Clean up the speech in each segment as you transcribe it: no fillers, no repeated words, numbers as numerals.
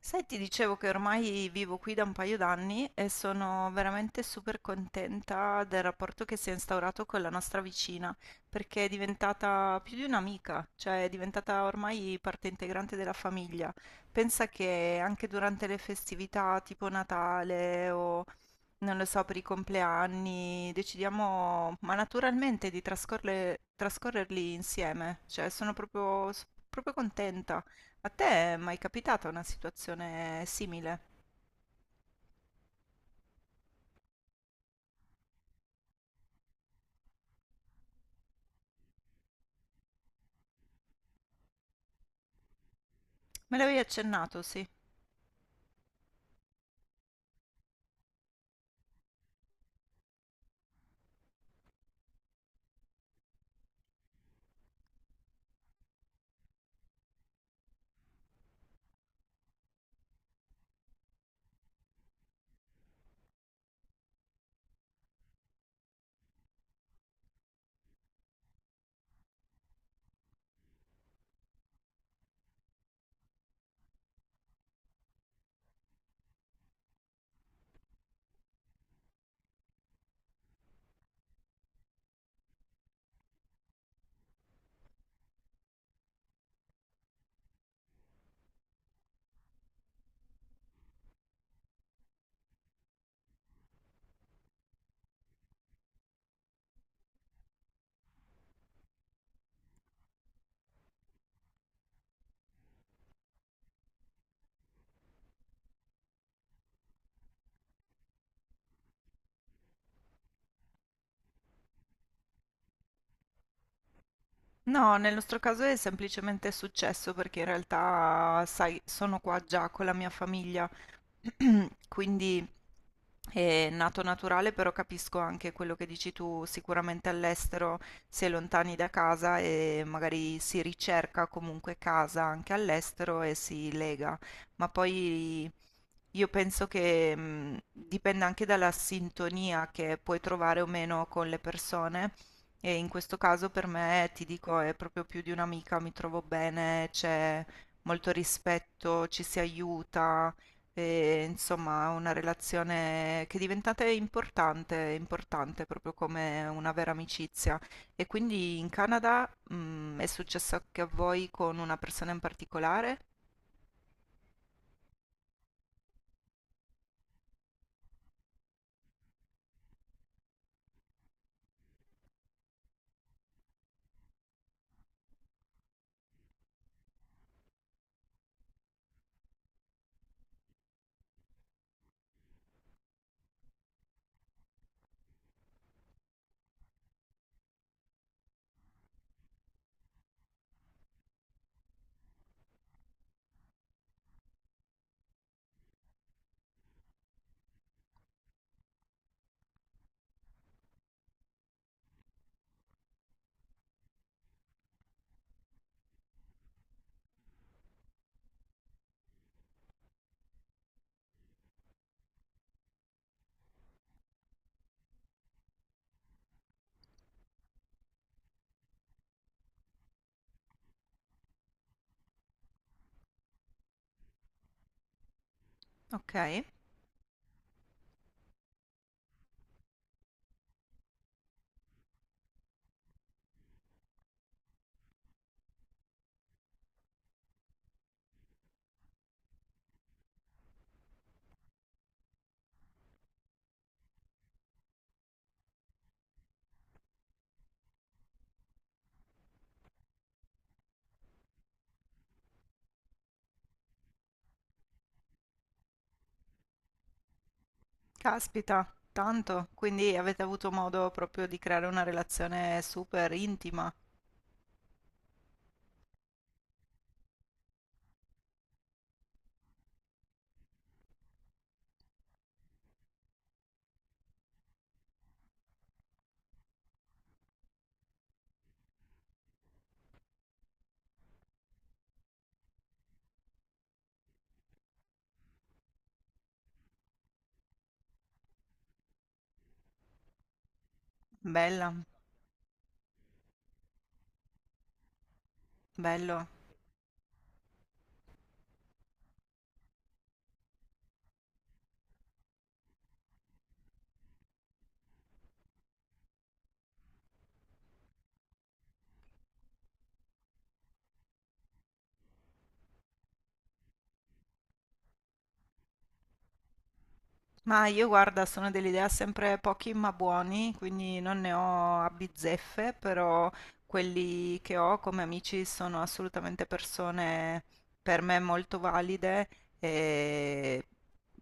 Sai, ti dicevo che ormai vivo qui da un paio d'anni e sono veramente super contenta del rapporto che si è instaurato con la nostra vicina, perché è diventata più di un'amica, cioè è diventata ormai parte integrante della famiglia. Pensa che anche durante le festività tipo Natale o non lo so, per i compleanni, decidiamo, ma naturalmente di trascorrerli insieme, cioè sono proprio, proprio contenta. A te è mai capitata una situazione simile? Me l'avevi accennato, sì. No, nel nostro caso è semplicemente successo perché in realtà, sai, sono qua già con la mia famiglia Quindi è nato naturale, però capisco anche quello che dici tu, sicuramente all'estero si è lontani da casa e magari si ricerca comunque casa anche all'estero e si lega, ma poi io penso che dipenda anche dalla sintonia che puoi trovare o meno con le persone. E in questo caso per me, ti dico, è proprio più di un'amica, mi trovo bene, c'è molto rispetto, ci si aiuta, e, insomma, una relazione che è diventata importante, importante proprio come una vera amicizia. E quindi in Canada, è successo anche a voi con una persona in particolare? Ok, caspita, tanto. Quindi avete avuto modo proprio di creare una relazione super intima. Bella, bello. Ma io guarda, sono dell'idea sempre pochi ma buoni, quindi non ne ho a bizzeffe, però quelli che ho come amici sono assolutamente persone per me molto valide e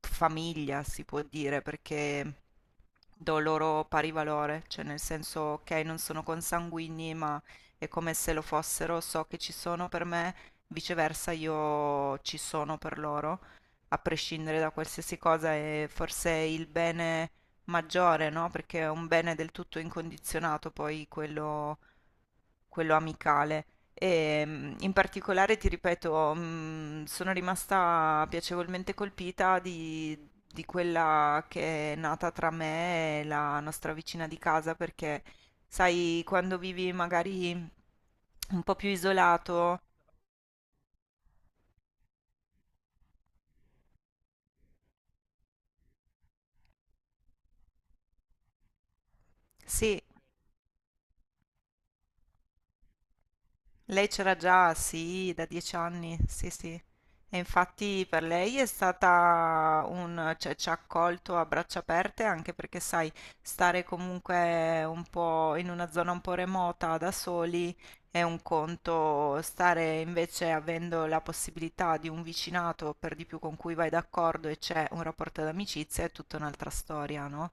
famiglia si può dire, perché do loro pari valore, cioè nel senso ok, non sono consanguigni, ma è come se lo fossero, so che ci sono per me, viceversa io ci sono per loro a prescindere da qualsiasi cosa, è forse il bene maggiore, no? Perché è un bene del tutto incondizionato, poi quello amicale. E in particolare, ti ripeto, sono rimasta piacevolmente colpita di quella che è nata tra me e la nostra vicina di casa, perché sai, quando vivi magari un po' più isolato, sì, lei c'era già, sì, da 10 anni, sì, sì. E infatti per lei è stata un, cioè, ci ha accolto a braccia aperte anche perché, sai, stare comunque un po' in una zona un po' remota da soli è un conto, stare invece avendo la possibilità di un vicinato per di più con cui vai d'accordo e c'è un rapporto d'amicizia è tutta un'altra storia, no?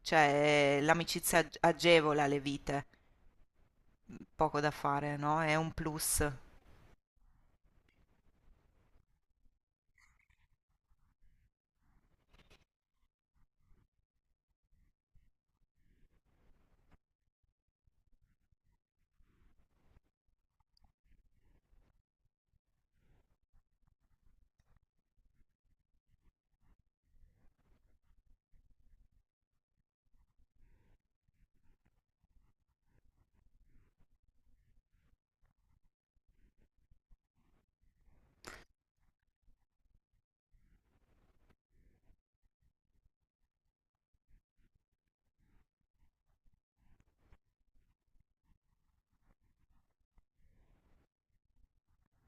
Cioè, l'amicizia agevola le vite, poco da fare, no? È un plus.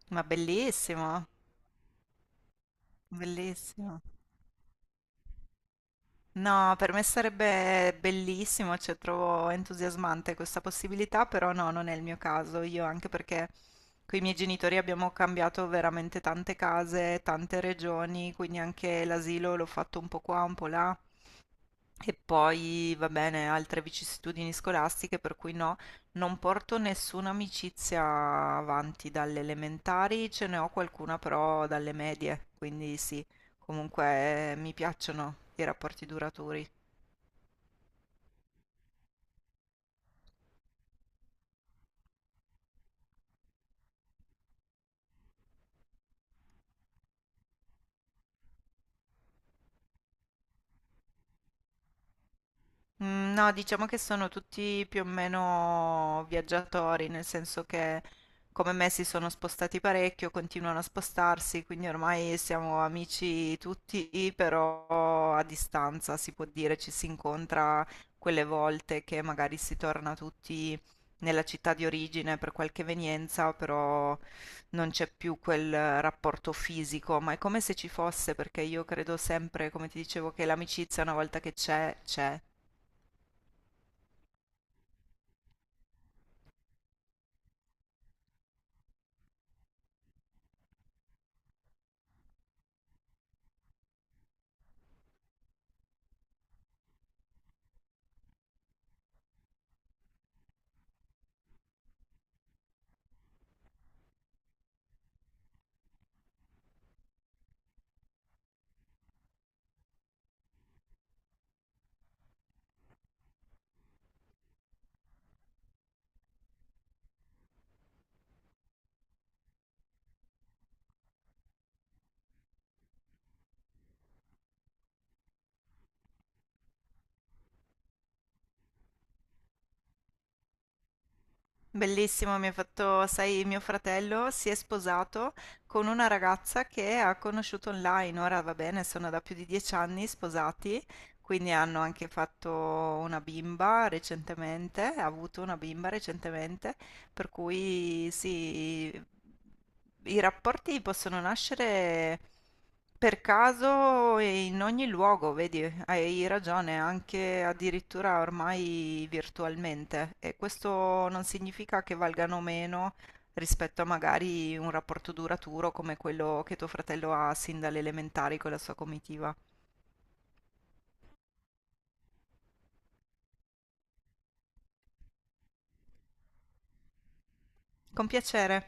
Ma bellissimo, bellissimo. No, per me sarebbe bellissimo, cioè trovo entusiasmante questa possibilità, però no, non è il mio caso. Io anche perché con i miei genitori abbiamo cambiato veramente tante case, tante regioni, quindi anche l'asilo l'ho fatto un po' qua, un po' là. E poi, va bene, altre vicissitudini scolastiche, per cui no, non porto nessuna amicizia avanti dalle elementari, ce ne ho qualcuna però dalle medie, quindi sì, comunque mi piacciono i rapporti duraturi. Mm, no, diciamo che sono tutti più o meno viaggiatori, nel senso che come me si sono spostati parecchio, continuano a spostarsi, quindi ormai siamo amici tutti, però a distanza si può dire, ci si incontra quelle volte che magari si torna tutti nella città di origine per qualche evenienza, però non c'è più quel rapporto fisico, ma è come se ci fosse, perché io credo sempre, come ti dicevo, che l'amicizia una volta che c'è, c'è. Bellissimo, mi ha fatto, sai, mio fratello si è sposato con una ragazza che ha conosciuto online. Ora va bene, sono da più di 10 anni sposati, quindi hanno anche fatto una bimba recentemente, ha avuto una bimba recentemente per cui sì, i rapporti possono nascere per caso e in ogni luogo, vedi, hai ragione, anche addirittura ormai virtualmente. E questo non significa che valgano meno rispetto a magari un rapporto duraturo come quello che tuo fratello ha sin dalle elementari con la sua comitiva. Con piacere.